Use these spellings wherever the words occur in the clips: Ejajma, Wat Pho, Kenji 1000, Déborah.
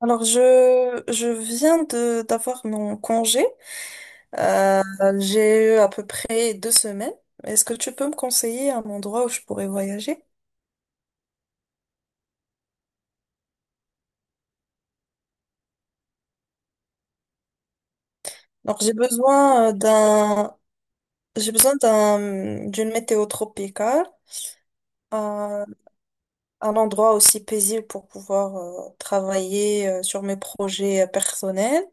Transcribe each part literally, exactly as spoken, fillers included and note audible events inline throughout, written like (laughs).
Alors je je viens de d'avoir mon congé. Euh, j'ai eu à peu près deux semaines. Est-ce que tu peux me conseiller un endroit où je pourrais voyager? Donc j'ai besoin euh, d'un j'ai besoin d'un d'une météo tropicale, un, un endroit aussi paisible pour pouvoir euh, travailler euh, sur mes projets euh, personnels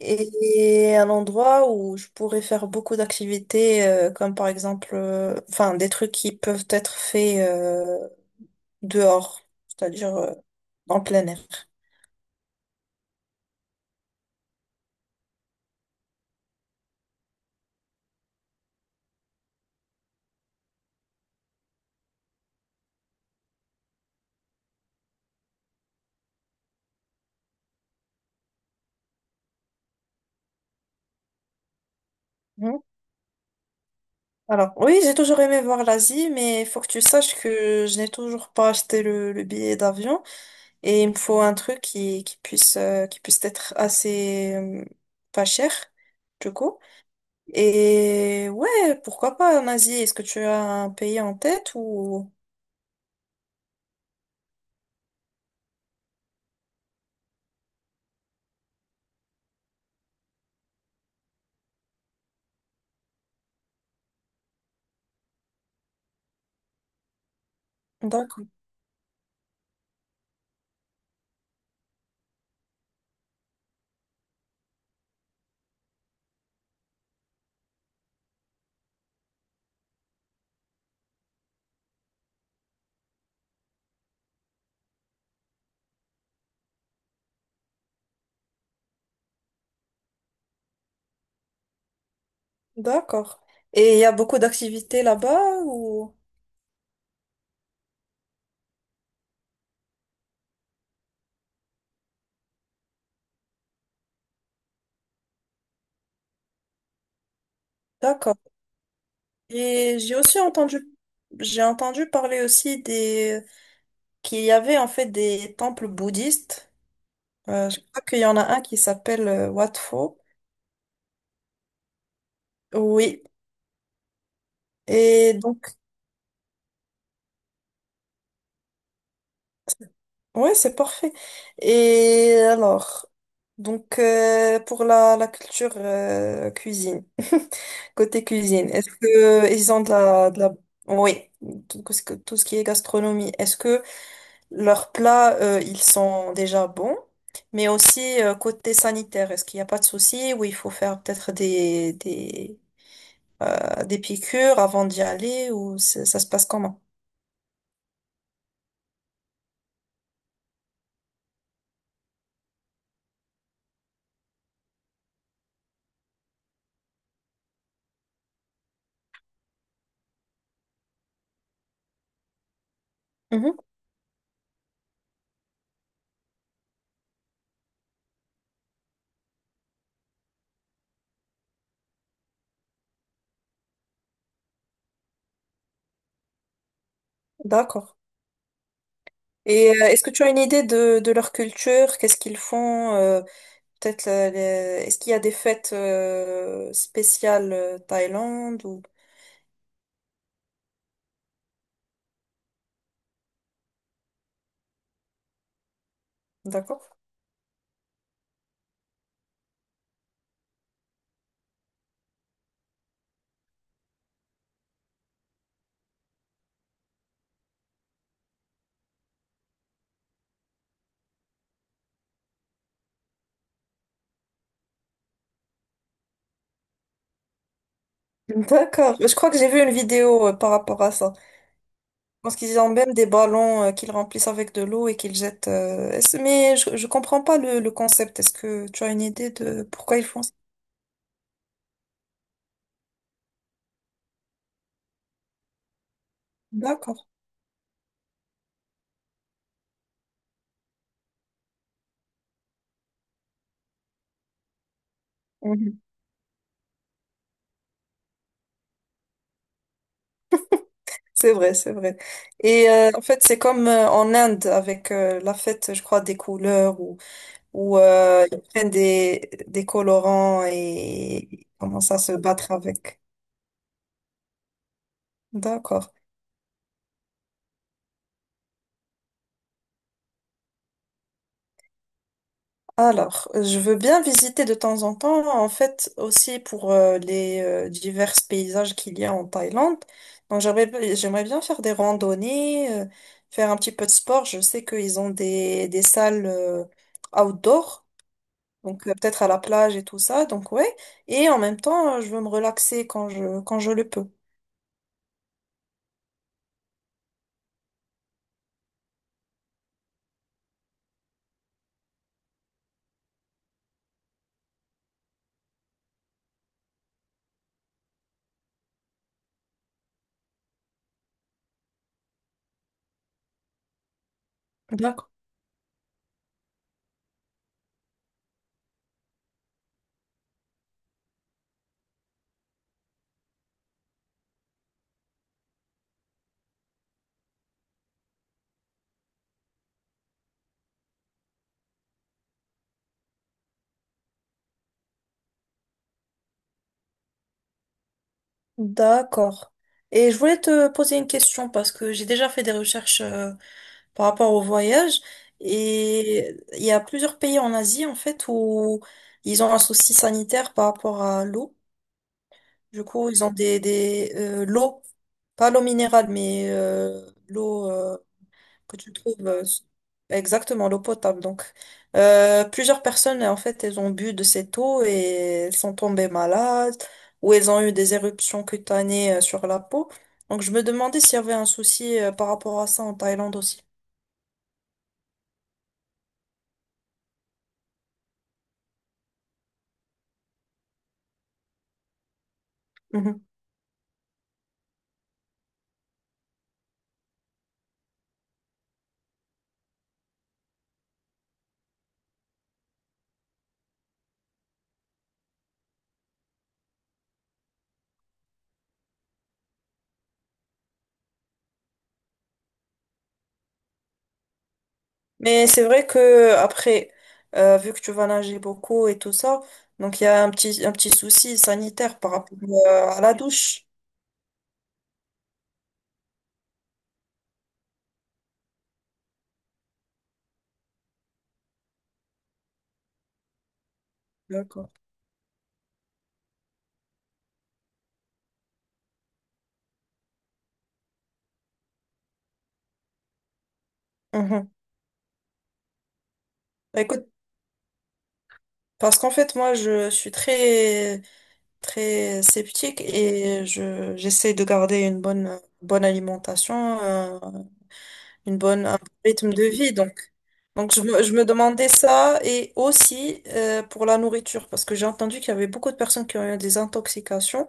et un endroit où je pourrais faire beaucoup d'activités euh, comme par exemple euh, enfin des trucs qui peuvent être faits euh, dehors, c'est-à-dire euh, en plein air. Mhm. Alors, oui, j'ai toujours aimé voir l'Asie, mais il faut que tu saches que je n'ai toujours pas acheté le, le billet d'avion et il me faut un truc qui, qui puisse, euh, qui puisse être assez euh, pas cher, du coup. Et ouais, pourquoi pas en Asie? Est-ce que tu as un pays en tête ou... D'accord. D'accord. Et il y a beaucoup d'activités là-bas ou... D'accord. Et j'ai aussi entendu, j'ai entendu parler aussi des qu'il y avait en fait des temples bouddhistes. Euh, je crois qu'il y en a un qui s'appelle euh, Wat Pho. Oui. Et donc, ouais, c'est parfait. Et alors, donc euh, pour la, la culture euh, cuisine, (laughs) côté cuisine, est-ce que ils ont de la, de la... Oui, tout, ce que- tout ce qui est gastronomie, est-ce que leurs plats, euh, ils sont déjà bons? Mais aussi euh, côté sanitaire, est-ce qu'il n'y a pas de souci ou il faut faire peut-être des, des, euh, des piqûres avant d'y aller ou c'est- ça se passe comment? Mhm. D'accord. Et euh, est-ce que tu as une idée de, de leur culture? Qu'est-ce qu'ils font? euh, peut-être euh, les- est-ce qu'il y a des fêtes euh, spéciales euh, Thaïlande ou... D'accord. (laughs) D'accord. Je crois que j'ai vu une vidéo euh, par rapport à ça. Pense qu'ils ont même des ballons euh, qu'ils remplissent avec de l'eau et qu'ils jettent. euh, est-ce- Mais je, je comprends pas le, le concept. Est-ce que tu as une idée de pourquoi ils font ça? D'accord. Mhm. C'est vrai, c'est vrai. Et euh, en fait, c'est comme euh, en Inde avec euh, la fête, je crois, des couleurs ou ou euh, ils prennent des des colorants et ils commencent à se battre avec. D'accord. Alors, euh, je veux bien visiter de temps en temps, en fait, aussi pour euh, les euh, divers paysages qu'il y a en Thaïlande. Donc, j'aimerais, j'aimerais bien faire des randonnées, euh, faire un petit peu de sport. Je sais qu'ils ont des, des salles euh, outdoor, donc euh, peut-être à la plage et tout ça. Donc, ouais. Et en même temps, euh, je veux me relaxer quand je, quand je le peux. D'accord. D'accord. Et je voulais te poser une question parce que j'ai déjà fait des recherches euh, par rapport au voyage. Et il y a plusieurs pays en Asie, en fait, où ils ont un souci sanitaire par rapport à l'eau. Du coup, ils ont des, des euh, l'eau, pas l'eau minérale, mais euh, l'eau euh, que tu trouves, euh, exactement, l'eau potable. Donc, euh, plusieurs personnes, en fait, elles ont bu de cette eau et elles sont tombées malades ou elles ont eu des éruptions cutanées euh, sur la peau. Donc, je me demandais s'il y avait un souci euh, par rapport à ça en Thaïlande aussi. Mais c'est vrai que après, euh, vu que tu vas nager beaucoup et tout ça, donc il y a un petit, un petit souci sanitaire par rapport euh, à la douche. D'accord. Mhm. Bah, écoute, parce qu'en fait, moi, je suis très, très sceptique et je, j'essaie de garder une bonne, bonne alimentation, euh, une bonne, un bon rythme de vie. Donc, donc je me, je me demandais ça et aussi euh, pour la nourriture, parce que j'ai entendu qu'il y avait beaucoup de personnes qui ont eu des intoxications.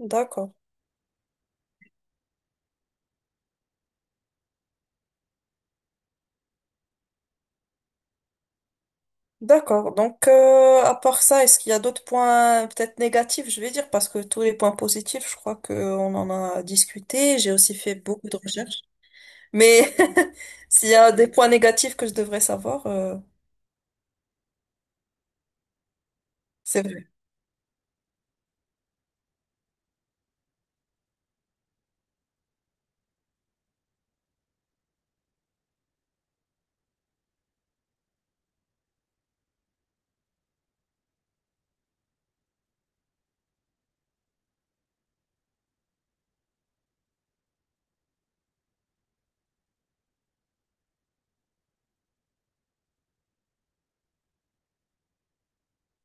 D'accord. D'accord. Donc, euh, à part ça, est-ce qu'il y a d'autres points peut-être négatifs, je vais dire, parce que tous les points positifs, je crois qu'on en a discuté. J'ai aussi fait beaucoup de recherches. Mais (laughs) s'il y a des points négatifs que je devrais savoir, euh, c'est vrai.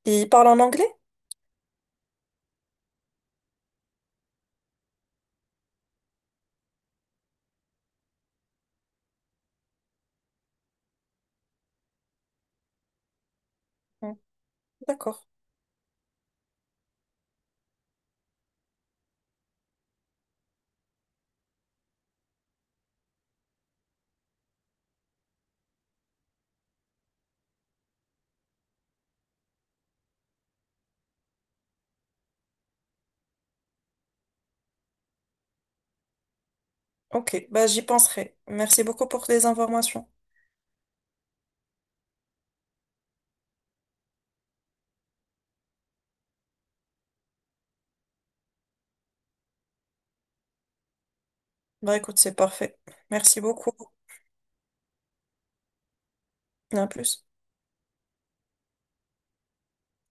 Il parle en anglais? Hmm, d'accord. Ok. Bah, j'y penserai. Merci beaucoup pour les informations. Bah, écoute, c'est parfait. Merci beaucoup. À plus.